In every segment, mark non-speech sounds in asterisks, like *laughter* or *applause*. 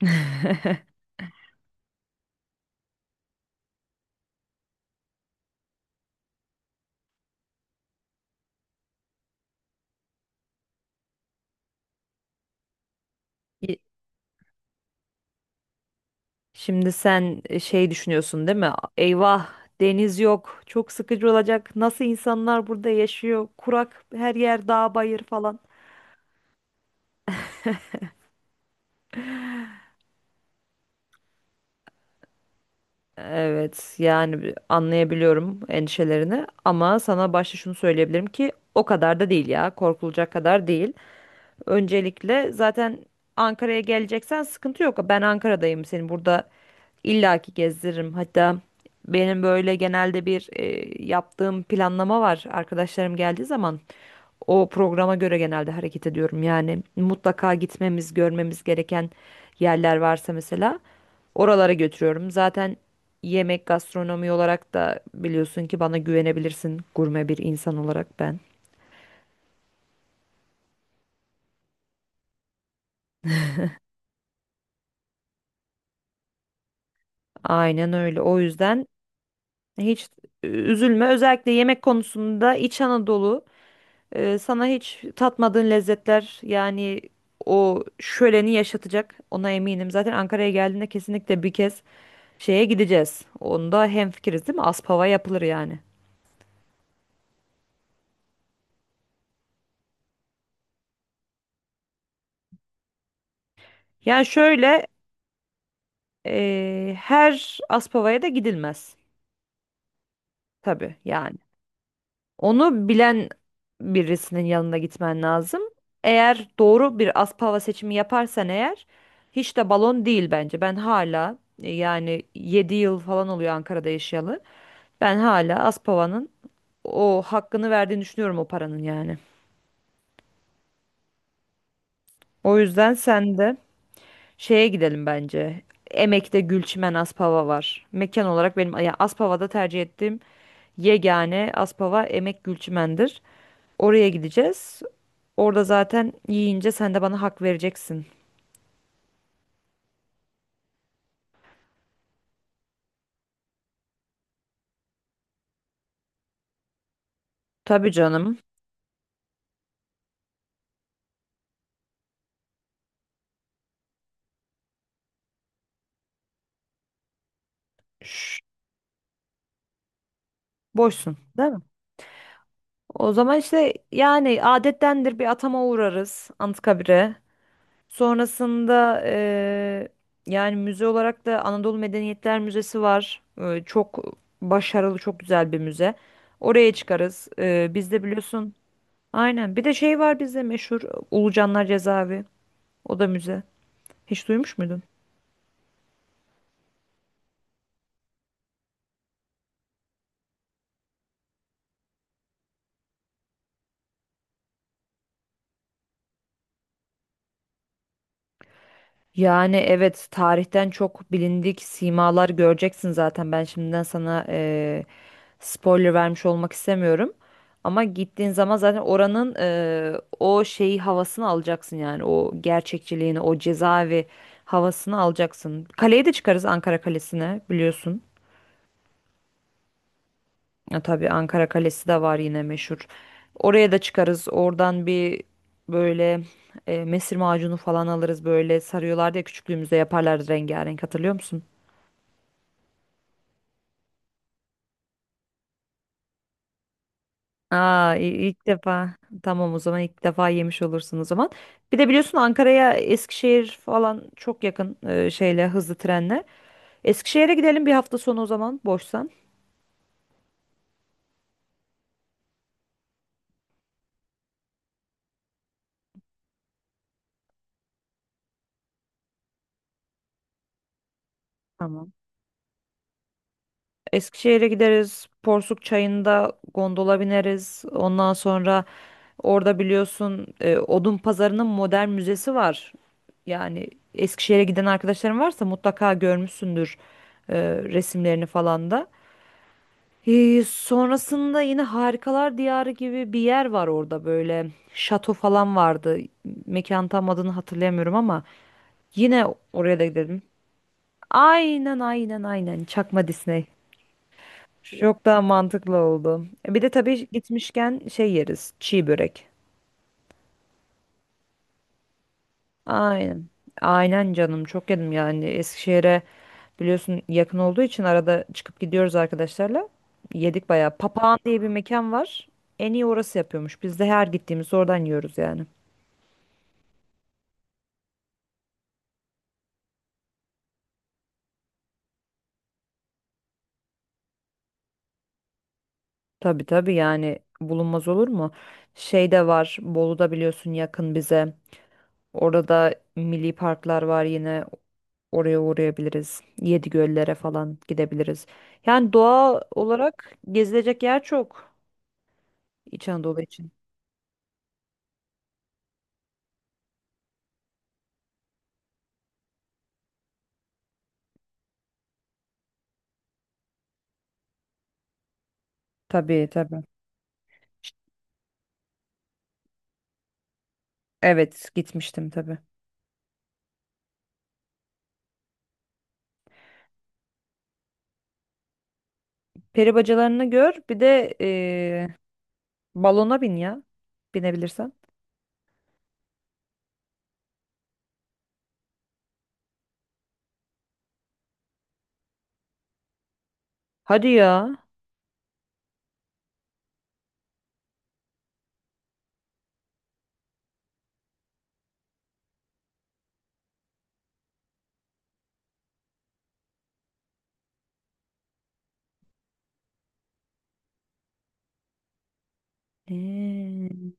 *laughs* Y- Şimdi sen şey düşünüyorsun değil mi? Eyvah deniz yok. Çok sıkıcı olacak. Nasıl insanlar burada yaşıyor? Kurak her yer dağ bayır falan. Evet yani anlayabiliyorum endişelerini ama sana başta şunu söyleyebilirim ki o kadar da değil ya. Korkulacak kadar değil. Öncelikle zaten Ankara'ya geleceksen sıkıntı yok. Ben Ankara'dayım, seni burada illaki gezdiririm. Hatta benim böyle genelde bir yaptığım planlama var. Arkadaşlarım geldiği zaman o programa göre genelde hareket ediyorum. Yani mutlaka gitmemiz, görmemiz gereken yerler varsa mesela oralara götürüyorum. Zaten yemek gastronomi olarak da biliyorsun ki bana güvenebilirsin, gurme bir insan olarak ben. Aynen öyle. O yüzden hiç üzülme. Özellikle yemek konusunda İç Anadolu sana hiç tatmadığın lezzetler yani o şöleni yaşatacak. Ona eminim. Zaten Ankara'ya geldiğinde kesinlikle bir kez şeye gideceğiz. Onda hemfikiriz değil mi? Aspava yapılır yani. Yani şöyle her Aspava'ya da gidilmez. Tabii yani. Onu bilen birisinin yanına gitmen lazım. Eğer doğru bir Aspava seçimi yaparsan eğer hiç de balon değil bence. Ben hala yani 7 yıl falan oluyor Ankara'da yaşayalı. Ben hala Aspava'nın o hakkını verdiğini düşünüyorum, o paranın yani. O yüzden sen de şeye gidelim bence. Emek'te Gülçimen Aspava var. Mekan olarak benim ya Aspava'da tercih ettiğim yegane Aspava Emek Gülçimen'dir. Oraya gideceğiz. Orada zaten yiyince sen de bana hak vereceksin. Tabii canım. Şş, boşsun, değil mi? O zaman işte yani adettendir, bir atama uğrarız Anıtkabir'e. Sonrasında yani müze olarak da Anadolu Medeniyetler Müzesi var. Çok başarılı, çok güzel bir müze. Oraya çıkarız. Bizde biliyorsun. Aynen. Bir de şey var bizde meşhur: Ulucanlar Cezaevi. O da müze. Hiç duymuş muydun? Yani evet, tarihten çok bilindik simalar göreceksin zaten. Ben şimdiden sana spoiler vermiş olmak istemiyorum. Ama gittiğin zaman zaten oranın o şeyi, havasını alacaksın yani. O gerçekçiliğini, o cezaevi havasını alacaksın. Kaleye de çıkarız, Ankara Kalesi'ne, biliyorsun. Ya, tabii Ankara Kalesi de var yine, meşhur. Oraya da çıkarız. Oradan bir böyle mesir macunu falan alırız, böyle sarıyorlardı ya küçüklüğümüzde, yaparlardı rengarenk, hatırlıyor musun? Aa, ilk defa. Tamam, o zaman ilk defa yemiş olursun o zaman. Bir de biliyorsun Ankara'ya Eskişehir falan çok yakın, şeyle, hızlı trenle. Eskişehir'e gidelim bir hafta sonu o zaman, boşsan. Tamam. Eskişehir'e gideriz. Porsuk Çayı'nda gondola bineriz. Ondan sonra orada biliyorsun Odun Pazarı'nın modern müzesi var. Yani Eskişehir'e giden arkadaşların varsa mutlaka görmüşsündür resimlerini falan da. Sonrasında yine Harikalar Diyarı gibi bir yer var orada böyle. Şato falan vardı. Mekan tam adını hatırlayamıyorum ama yine oraya da gidelim. Aynen aynen aynen. Çakma Disney. Çok daha mantıklı oldu. E, bir de tabii gitmişken şey yeriz: çiğ börek. Aynen. Aynen canım, çok yedim yani. Eskişehir'e biliyorsun yakın olduğu için arada çıkıp gidiyoruz arkadaşlarla. Yedik bayağı. Papağan diye bir mekan var. En iyi orası yapıyormuş. Biz de her gittiğimizde oradan yiyoruz yani. Tabii tabii, yani bulunmaz olur mu? Şey de var, Bolu'da, biliyorsun yakın bize. Orada milli parklar var yine, oraya uğrayabiliriz. Yedigöllere falan gidebiliriz. Yani doğa olarak gezilecek yer çok, İç Anadolu için. Tabii tabii. Evet, gitmiştim tabii. Peri bacalarını gör, bir de balona bin ya. Binebilirsen. Hadi ya. Eee,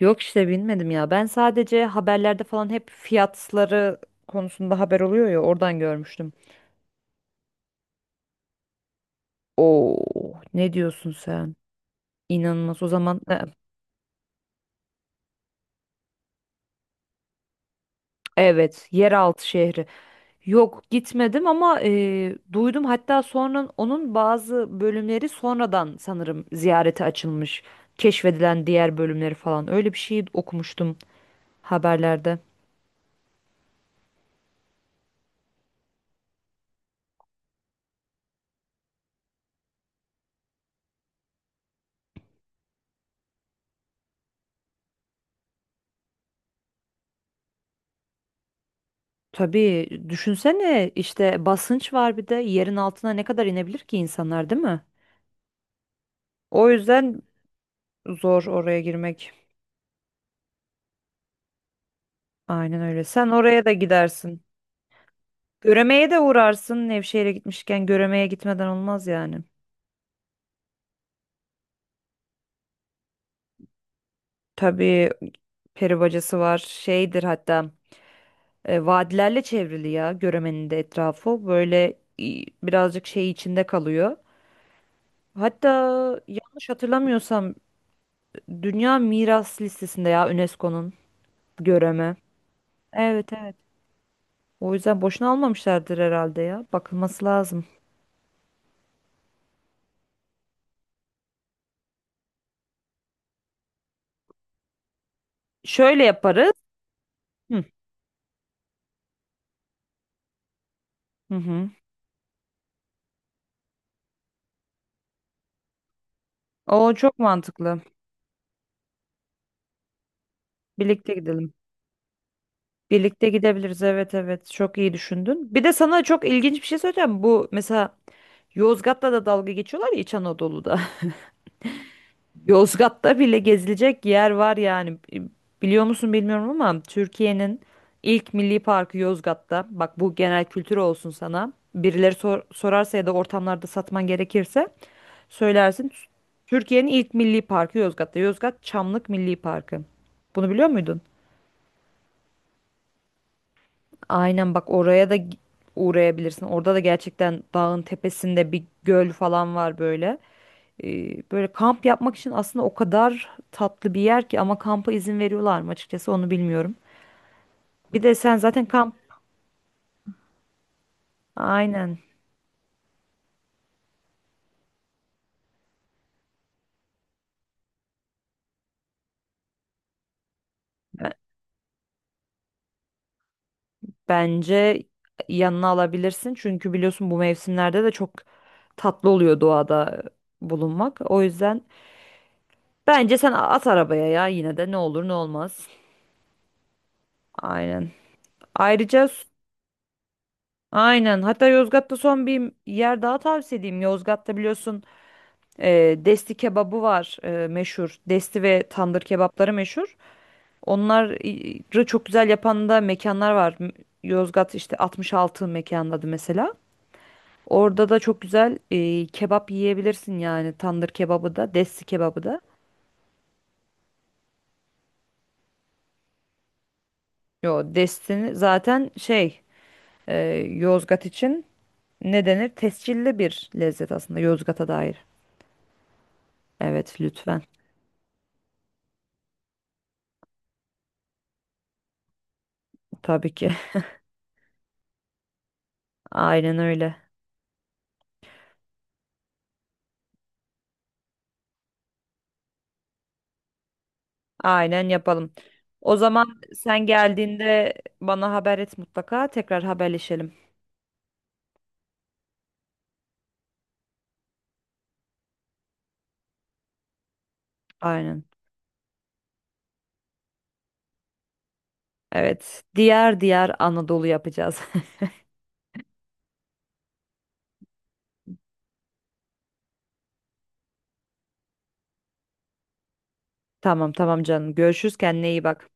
Yok, işte binmedim ya. Ben sadece haberlerde falan hep fiyatları konusunda haber oluyor ya, oradan görmüştüm. Oo, ne diyorsun sen? İnanılmaz o zaman. Evet, yeraltı şehri. Yok, gitmedim ama duydum, hatta sonra onun bazı bölümleri sonradan sanırım ziyarete açılmış. Keşfedilen diğer bölümleri falan, öyle bir şey okumuştum haberlerde. Tabii düşünsene, işte basınç var, bir de yerin altına ne kadar inebilir ki insanlar değil mi? O yüzden zor oraya girmek. Aynen öyle. Sen oraya da gidersin. Göreme'ye de uğrarsın. Nevşehir'e gitmişken Göreme'ye gitmeden olmaz yani. Tabii peri bacası var. Şeydir hatta. Vadilerle çevrili ya Göreme'nin de etrafı. Böyle birazcık şey içinde kalıyor. Hatta yanlış hatırlamıyorsam Dünya Miras listesinde ya, UNESCO'nun, Göreme. Evet evet. O yüzden boşuna almamışlardır herhalde ya. Bakılması lazım. Şöyle yaparız. Hı hı. Hı. O çok mantıklı. Birlikte gidelim. Birlikte gidebiliriz. Evet evet. Çok iyi düşündün. Bir de sana çok ilginç bir şey söyleyeceğim. Bu mesela Yozgat'ta da dalga geçiyorlar ya, İç Anadolu'da. *laughs* Yozgat'ta bile gezilecek yer var yani. Biliyor musun bilmiyorum ama Türkiye'nin ilk milli parkı Yozgat'ta. Bak, bu genel kültür olsun sana. Birileri sorarsa ya da ortamlarda satman gerekirse söylersin. Türkiye'nin ilk milli parkı Yozgat'ta. Yozgat Çamlık Milli Parkı. Bunu biliyor muydun? Aynen, bak oraya da uğrayabilirsin. Orada da gerçekten dağın tepesinde bir göl falan var böyle. Böyle kamp yapmak için aslında o kadar tatlı bir yer ki, ama kampa izin veriyorlar mı açıkçası onu bilmiyorum. Bir de sen zaten kamp aynen Be- bence yanına alabilirsin. Çünkü biliyorsun bu mevsimlerde de çok tatlı oluyor doğada bulunmak. O yüzden bence sen at arabaya ya, yine de ne olur ne olmaz. Aynen. Ayrıca aynen. Hatta Yozgat'ta son bir yer daha tavsiye edeyim. Yozgat'ta biliyorsun Desti kebabı var meşhur. Desti ve tandır kebapları meşhur. Onları çok güzel yapan da mekanlar var. Yozgat işte 66 mekanın adı mesela. Orada da çok güzel kebap yiyebilirsin yani. Tandır kebabı da, Desti kebabı da. Yo, Desti'ni zaten şey e, Yozgat için ne denir? Tescilli bir lezzet aslında Yozgat'a dair. Evet, lütfen. Tabii ki. Aynen öyle. Aynen yapalım. O zaman sen geldiğinde bana haber et mutlaka. Tekrar haberleşelim. Aynen. Evet. Diğer diğer Anadolu yapacağız. *laughs* Tamam tamam canım. Görüşürüz. Kendine iyi bak.